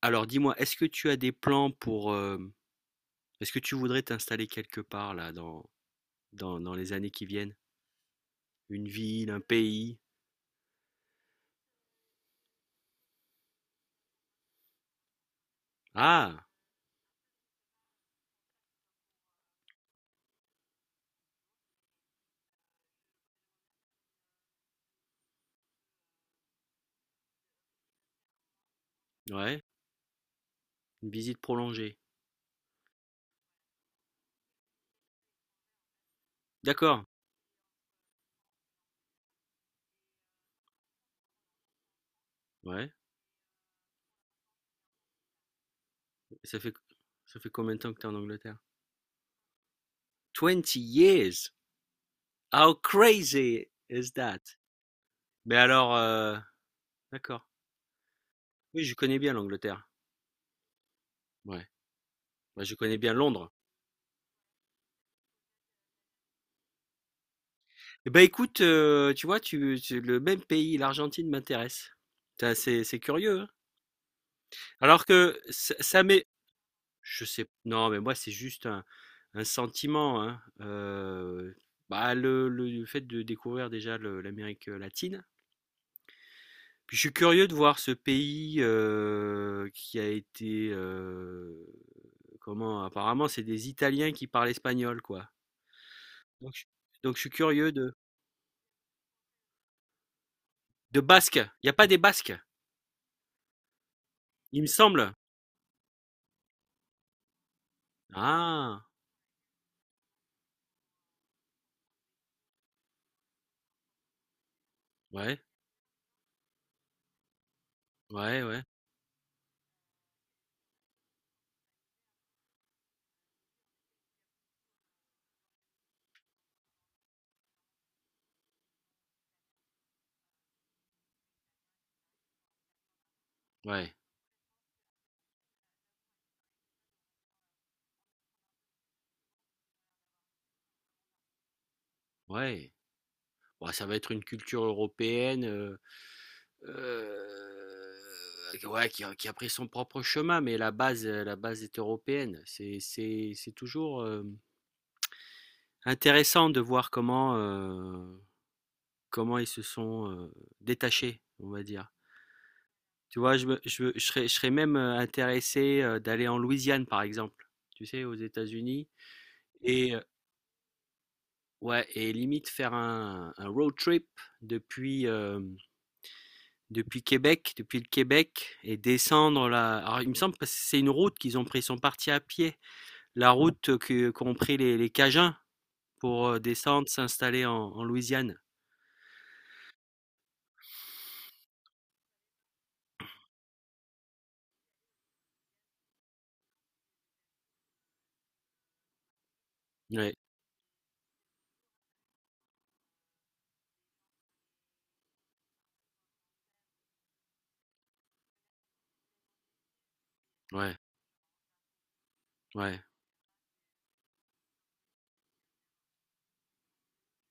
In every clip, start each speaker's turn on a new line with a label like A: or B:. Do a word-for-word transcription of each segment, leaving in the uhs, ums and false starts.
A: Alors dis-moi, est-ce que tu as des plans pour... euh, est-ce que tu voudrais t'installer quelque part là dans, dans, dans les années qui viennent? Une ville, un pays? Ah, ouais, une visite prolongée. D'accord, ouais. Ça fait, ça fait combien de temps que tu es en Angleterre? Twenty years! How crazy is that? Mais alors, euh, d'accord. Oui, je connais bien l'Angleterre. Ouais, bah, je connais bien Londres. Eh ben écoute, euh, tu vois, tu, tu- le même pays, l'Argentine m'intéresse. Ça, C'est c'est curieux, hein? Alors que ça ça m'est, je sais, non, mais moi c'est juste un, un sentiment, hein. Euh, bah, le, le- le fait de découvrir déjà le- l'Amérique latine. Puis je suis curieux de voir ce pays euh, qui a été euh, comment apparemment c'est des Italiens qui parlent espagnol quoi. Donc je, donc je suis curieux de de Basques. Il n'y a pas des Basques, il me semble. Ah, ouais ouais ouais ouais ouais. Bon, ça va être une culture européenne. euh, Heu, ouais, qui a qui a pris son propre chemin, mais la base, heu, la base est européenne. C'est c'est c'est toujours, hem, intéressant de voir comment, heu, comment ils se sont, heu, détachés, on va dire. Tu vois? Je me je je serais je serais même, heu, intéressé, heu, d'aller en Louisiane, par exemple, tu sais, aux États-Unis. Et heu ouais, et limite faire un un road trip depuis, hem depuis Québec, depuis le Québec, et descendre la. Alors, il me semble que c'est une route qu'ils ont pris, ils sont partis à pied. La route que- qu'ont pris les, les Cajuns pour euh, descendre, s'installer en, en Louisiane. Ouais, ouais, ouais.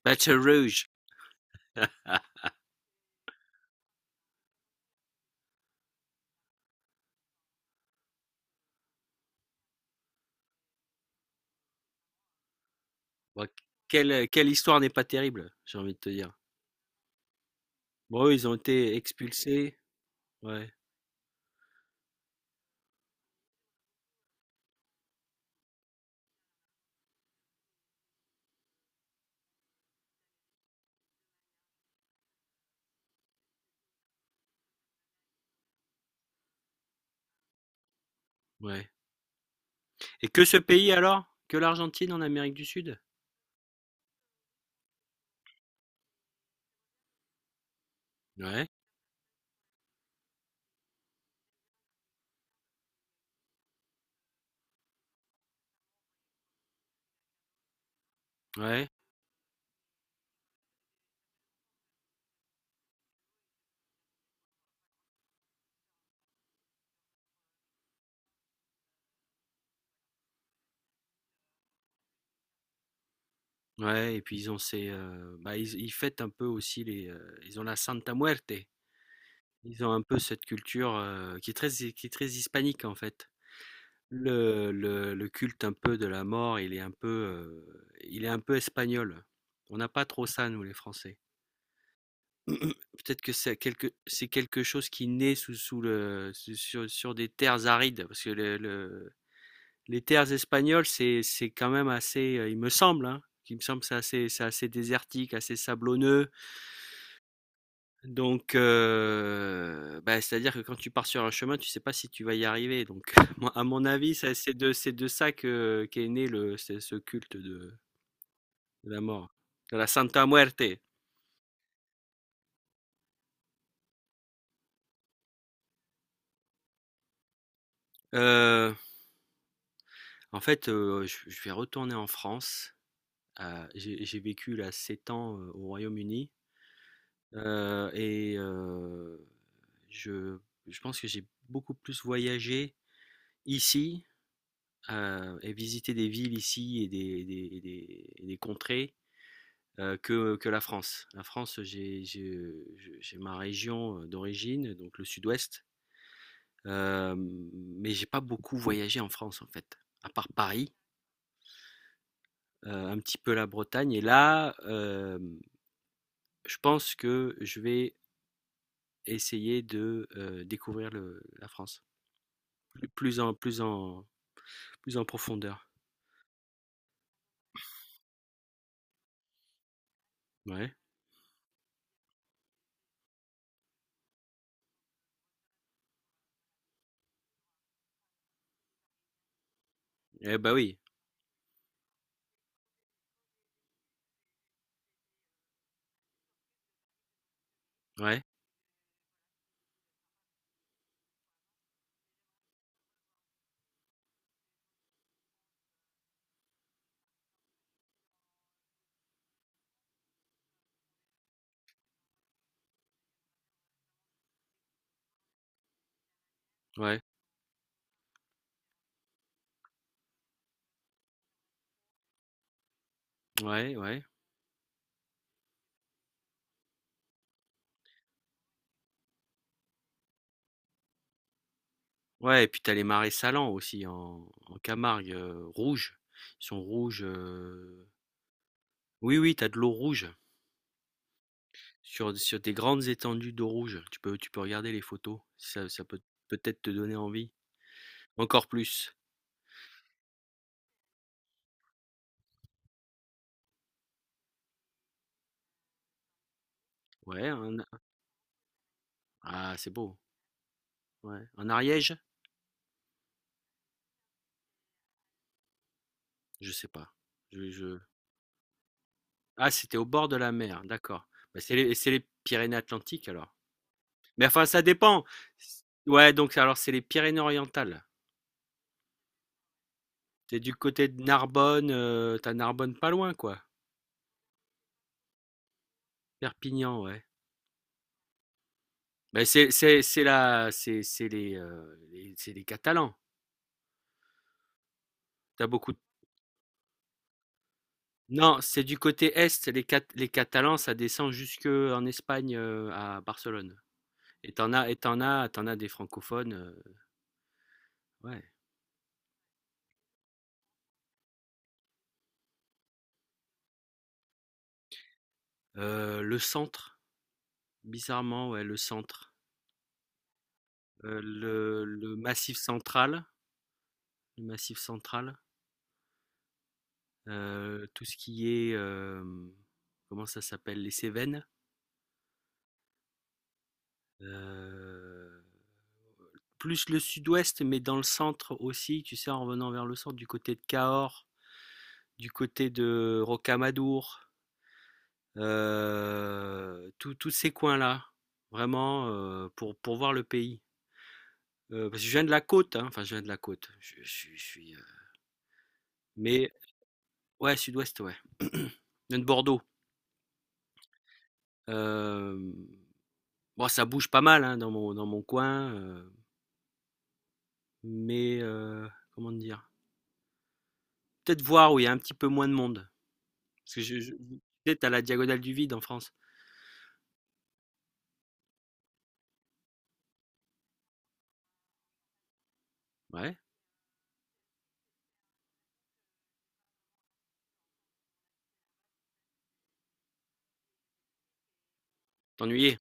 A: Baton Rouge. Bon, quelle, quelle histoire n'est pas terrible, j'ai envie de te dire. Bon, ils ont été expulsés. Ouais, ouais. Et que ce pays alors? Que l'Argentine en Amérique du Sud? Ouais, ouais. Ouais, et puis ils ont ces, euh, bah, ils, ils fêtent un peu aussi les, euh, ils ont la Santa Muerte. Ils ont un peu cette culture, heu, qui est très qui est très hispanique, en fait. Le le le culte un peu de la mort, il est un peu, heu, il est un peu espagnol. On n'a pas trop ça, nous, les Français. Peut-être que c'est quelque c'est quelque chose qui naît sous sous le su sur sur des terres arides, parce que le le les terres espagnoles, c'est c'est quand même assez, heu, il me semble, hein, il me semble, que c'est assez c'est assez désertique, assez sablonneux. Donc, heu, bah, c'est-à-dire que quand tu pars sur un chemin, tu sais pas si tu vas y arriver. Donc, moi, à mon avis, ça c'est de c'est de ça que qu'est né le ce ce culte de de la mort, de la Santa Muerte. Heu, En fait, heu, je je vais retourner en France. Heu, j'ai j'ai vécu là sept ans, heu, au Royaume-Uni, heu et heu, je je pense que j'ai beaucoup plus voyagé ici, heu et visité des villes ici et des et des et des et des contrées euh, que, que la France. La France, j'ai ma région euh, d'origine, donc le sud-ouest, euh, mais j'ai pas beaucoup voyagé en France en fait, à part Paris, euh, un petit peu la Bretagne. Et là, euh, je pense que je vais essayer de euh, découvrir le- la France plus plus en plus en plus en profondeur. Ouais. Eh bah oui. Ouais. Ouais. Ouais. Ouais. Ouais. Et puis t'as les marais salants aussi en, en Camargue euh, rouges. Ils sont rouges. euh, Oui, oui, t'as de l'eau rouge sur sur des grandes étendues d'eau rouge. Tu peux tu peux regarder les photos, ça ça peut peut-être te donner envie. Encore plus. Ouais, en ah, c'est beau. Ouais. En Ariège? Je sais pas. Je, je... Ah, c'était au bord de la mer, d'accord. Bah, c'est les, c'est les Pyrénées-Atlantiques alors. Mais enfin, ça dépend. Ouais, donc alors c'est les Pyrénées-Orientales. T'es du côté de Narbonne, euh, t'as Narbonne pas loin, quoi. Perpignan, ouais. Bah, c'est c'est c'est la c'est c'est les, euh, les- c'est les Catalans. T'as as beaucoup de- non, c'est du côté est, les Cat- les Catalans, ça descend jusque en Espagne, heu, à Barcelone, et t'en as et tu as t'en as des francophones, heu, ouais. Heu, le centre, bizarrement, ouais, le centre, heu, le le Massif central, le Massif central, heu, tout ce qui est, hem, comment ça s'appelle? Les Cévennes, heu, plus le sud-ouest, mais dans le centre aussi, tu sais, en revenant vers le centre, du côté de Cahors, du côté de Rocamadour. Euh, tout- tous ces coins-là, vraiment, euh, pour, pour voir le pays. Euh, parce que je viens de la côte, hein, enfin, je viens de la côte. Je, je suis. je suis, euh, mais, ouais, sud-ouest, ouais. Je viens de Bordeaux. Euh, bon, ça bouge pas mal hein, dans mon, dans mon coin, euh, mais, euh, comment dire? Peut-être voir où il y a un petit peu moins de monde. Parce que je, je, peut-être à la diagonale du vide en France. Ouais, t'ennuyer.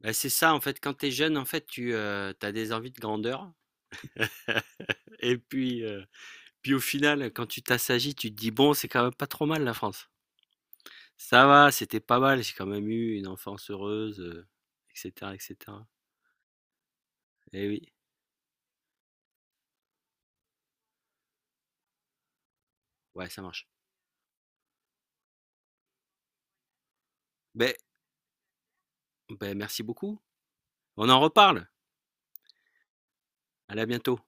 A: Bah, c'est ça, en fait, quand t'es jeune, en fait, tu as des envies de grandeur. Et puis, euh, Puis au final, quand tu t'assagis, tu te dis, bon, c'est quand même pas trop mal la France. Ça va, c'était pas mal, j'ai quand même eu une enfance heureuse, euh, et cætera, et cætera. Eh oui, ouais, ça marche. Ben, ben, merci beaucoup. On en reparle. Allez, à bientôt.